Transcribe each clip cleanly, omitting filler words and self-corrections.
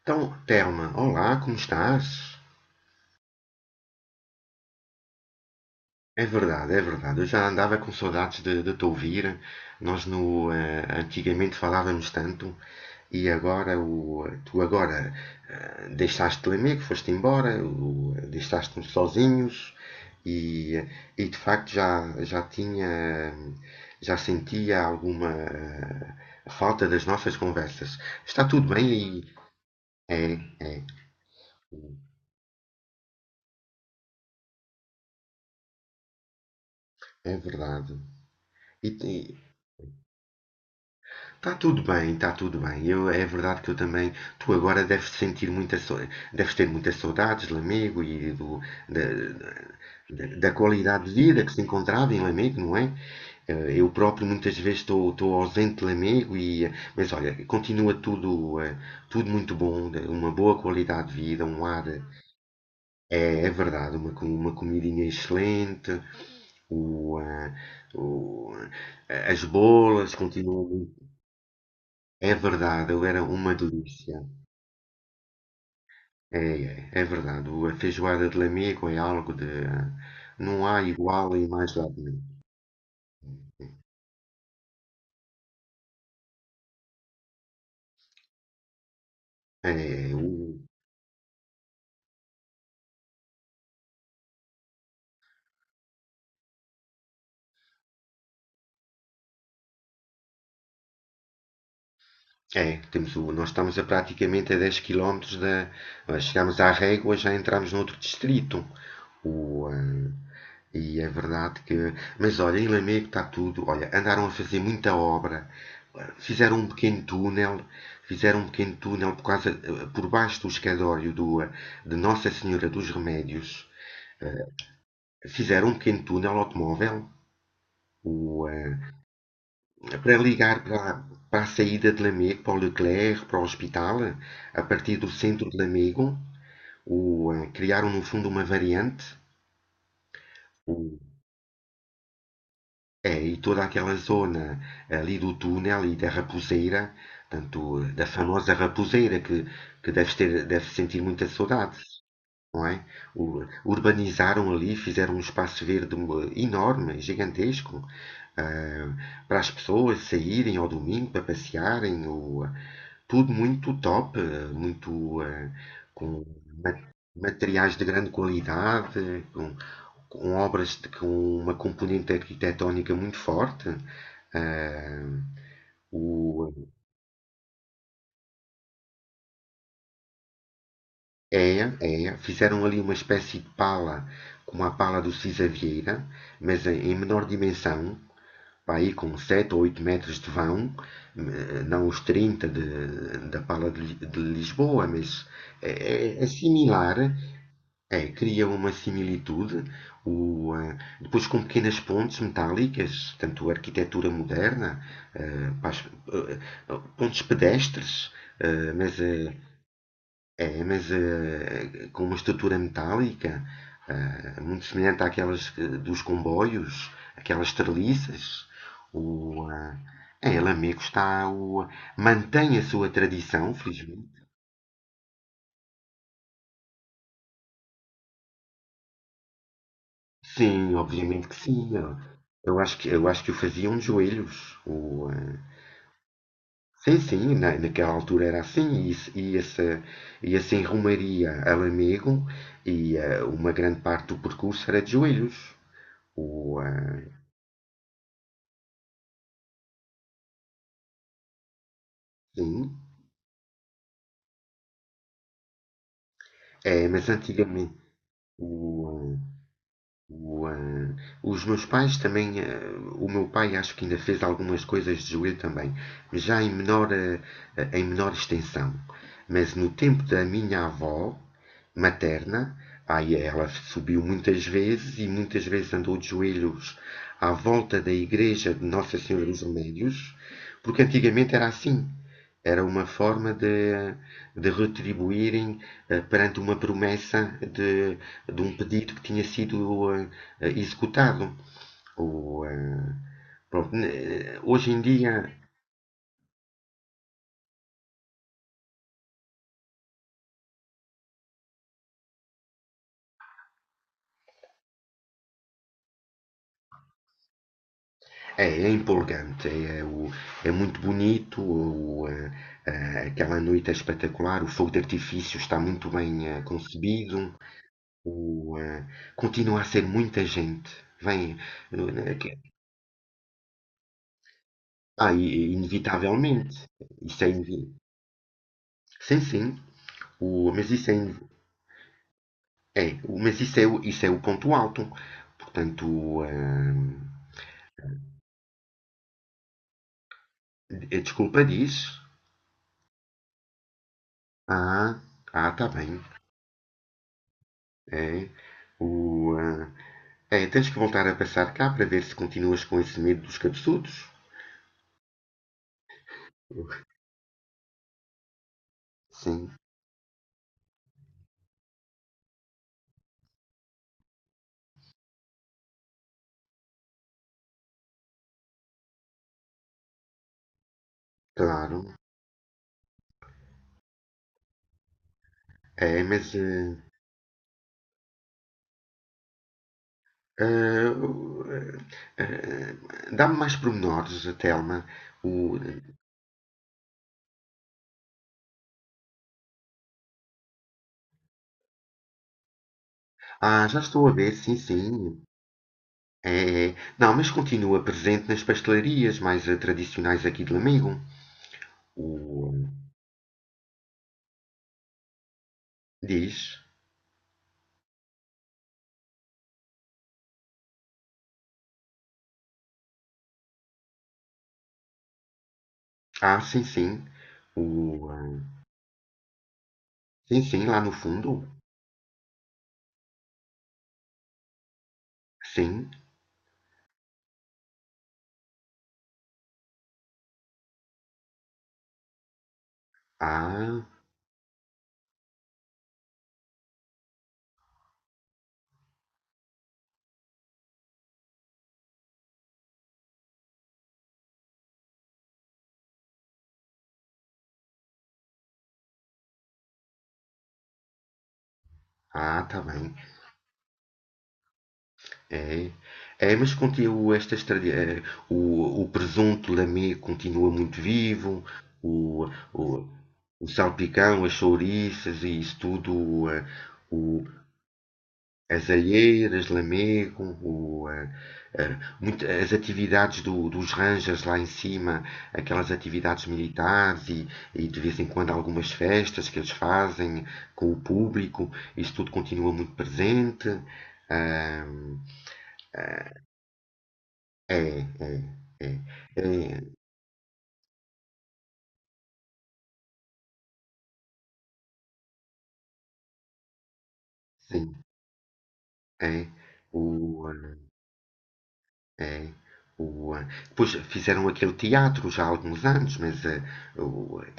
Então, Telma, olá, como estás? É verdade, é verdade. Eu já andava com saudades de te ouvir. Nós no, eh, Antigamente falávamos tanto e agora tu agora deixaste o amigo, foste embora, deixaste-nos sozinhos, e, e de facto já tinha, já sentia alguma falta das nossas conversas. Está tudo bem aí? É, é, é verdade. E, Está tudo bem, está tudo bem. É verdade que eu também. Tu agora deves sentir muita. Deves ter muitas saudades de Lamego e da, da qualidade de vida que se encontrava em Lamego, não é? Eu próprio muitas vezes estou ausente de Lamego Mas olha, continua tudo, tudo muito bom, uma boa qualidade de vida, um ar. É, é verdade, uma comidinha excelente, o, eh, o- as bolas continuam. É verdade, eu era uma delícia. É, é, é verdade. A feijoada de Lamego é algo de. Não há igual e mais nada. É. É, temos nós estamos a praticamente a 10 quilómetros da. Chegámos à Régua, já entramos noutro distrito. O, ah, e é verdade que. Mas olha, em Lamego está tudo. Olha, andaram a fazer muita obra. Fizeram um pequeno túnel. Fizeram um pequeno túnel por baixo do escadório de Nossa Senhora dos Remédios. Ah, Fizeram um pequeno túnel automóvel. O, ah, Para ligar para a saída de Lamego, para o Leclerc, para o hospital, a partir do centro de Lamego, criaram no fundo uma variante, o- é, e toda aquela zona ali do túnel e da raposeira, tanto da famosa raposeira que deves ter, deves sentir muita saudade, não é? Urbanizaram ali, fizeram um espaço verde um, enorme, gigantesco, para as pessoas saírem ao domingo para passearem, tudo muito top, muito com ma- materiais de grande qualidade, com obras de, com uma componente arquitetónica muito forte. Ah, o, É, é. Fizeram ali uma espécie de pala, como a pala do Cisa Vieira, mas em menor dimensão, para aí com 7 ou 8 metros de vão, não os 30 da pala de Lisboa, mas é, é similar, é, cria uma similitude, depois com pequenas pontes metálicas, tanto arquitetura moderna, eh, para as- eh, eh, pontes pedestres, eh, mas eh, com uma estrutura metálica, muito semelhante àquelas dos comboios, aquelas treliças. O, ah, É, Lamego mantém a sua tradição, felizmente. Sim, obviamente que sim. Eu acho que o faziam de joelhos. Sim, sim, naquela altura era assim. E, se- E essa, e assim rumaria a Lamego uma grande parte do percurso era de joelhos. O, ah, sim. É, mas antigamente o, o, ah, os meus pais também, o meu pai acho que ainda fez algumas coisas de joelho também, mas já em menor extensão. Mas no tempo da minha avó materna, aí ela subiu muitas vezes e muitas vezes andou de joelhos à volta da igreja de Nossa Senhora dos Remédios, porque antigamente era assim. Era uma forma de retribuírem perante uma promessa de um pedido que tinha sido executado. O, eh, Pronto, né, hoje em dia é empolgante, é muito bonito, aquela noite é espetacular, o fogo de artifício está muito bem concebido, o, eh, continua a ser muita gente. Vem, eh, ah, inevitavelmente, isso é inevi- sim, sim. Mas isso é o ponto alto. Portanto, a desculpa diz. Ah, tá bem. É. o, ah, É, tens que voltar a passar cá para ver se continuas com esse medo dos cabeçudos. Sim, claro. É, mas eh, o- eh, dá-me mais pormenores, Telma. O, Já estou a ver, sim, sim. É, é. Não, mas continua presente nas pastelarias mais tradicionais aqui de Lamego. O, eh, Diz. Ah, sim, sim. O, eh, sim, sim, lá no fundo. Sim. Ah, tá bem. É, é, mas continua estas o presunto lamego continua muito vivo. O, o, o salpicão, as chouriças e isso tudo. O, As alheiras, Lamego, o, eh, eh, muito- as atividades dos Rangers lá em cima, aquelas atividades militares, e de vez em quando algumas festas que eles fazem com o público, isso tudo continua muito presente. Ahm, É, é, é, é, sim, é. O, É, depois fizeram aquele teatro já há alguns anos,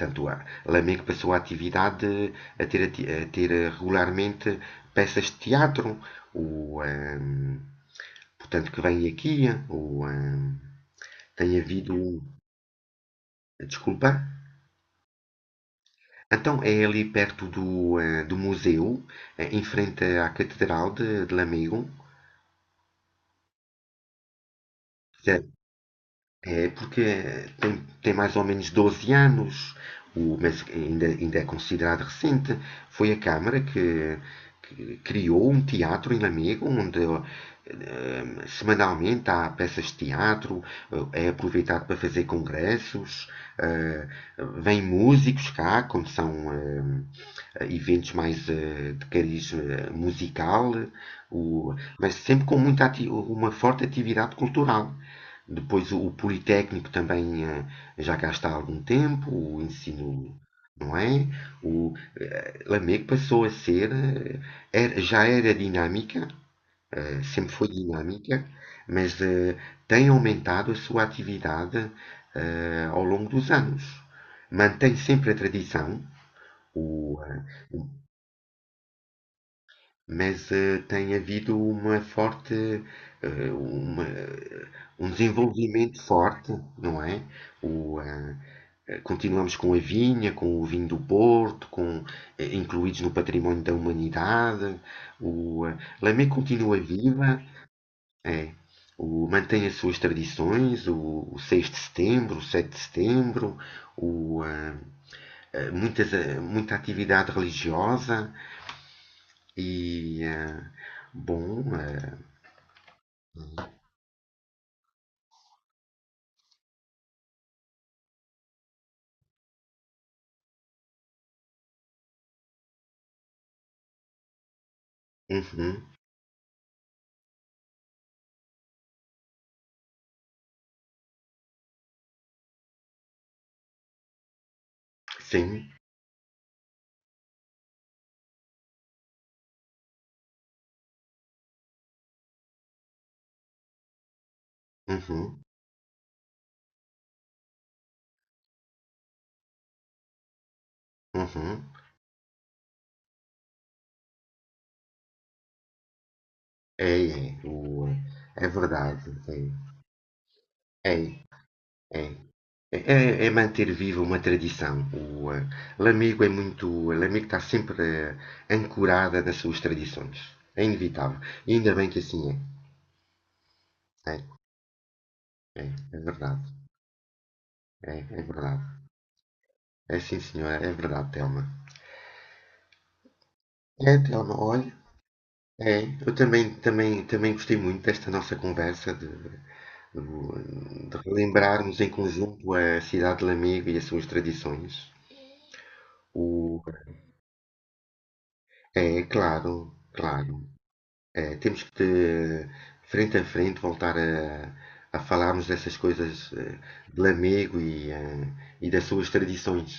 tanto a Lamego passou a atividade a ter, regularmente peças de teatro. O, ah, Portanto, que vem aqui. Tem havido. Desculpa. Então é ali perto do museu, em frente à Catedral de Lamego. É porque tem mais ou menos 12 anos, mas ainda é considerado recente. Foi a Câmara que criou um teatro em Lamego, onde semanalmente há peças de teatro, é aproveitado para fazer congressos, eh, vêm músicos cá, quando são eventos mais de cariz musical, o- mas sempre com muita uma forte atividade cultural. Depois o Politécnico também já cá está há algum tempo, o ensino, não é? Lamego passou a ser, já era dinâmica, sempre foi dinâmica, mas tem aumentado a sua atividade ao longo dos anos. Mantém sempre a tradição, o, eh, mas tem havido uma forte, eh, uma- eh, um desenvolvimento forte, não é? O, eh, Continuamos com a vinha, com o vinho do Porto, incluídos no património da humanidade. Lamé continua viva, é, mantém as suas tradições, o 6 de setembro, o 7 de setembro, o, eh, eh, muitas, eh, muita atividade religiosa e, eh, bom, uhum, sim, uhum, uhum, é, é, é verdade, é, é, é. É, é manter viva uma tradição. Lamego é muito. Lamego está sempre ancorada nas suas tradições. É inevitável. E ainda bem que assim é. É, é, é verdade. É, é verdade. É sim, senhora. É verdade, Telma. É, Telma, olha. É, eu também, também gostei muito desta nossa conversa de relembrarmos em conjunto a cidade de Lamego e as suas tradições. O, É, claro, claro. É, temos que, frente a frente, voltar a falarmos dessas coisas de Lamego e das suas tradições.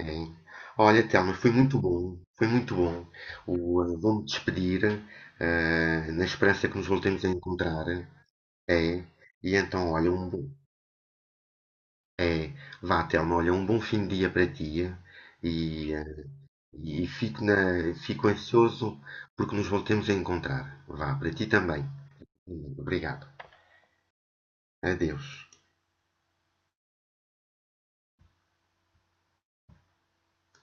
Hein? Olha, Telmo, foi muito bom, foi muito bom. Vou-me despedir, na esperança que nos voltemos a encontrar. É, e então, olha, um bom, é, vá, Telmo, olha, um bom fim de dia para ti e, eh, e fico ansioso porque nos voltemos a encontrar. Vá, para ti também. Obrigado. Adeus.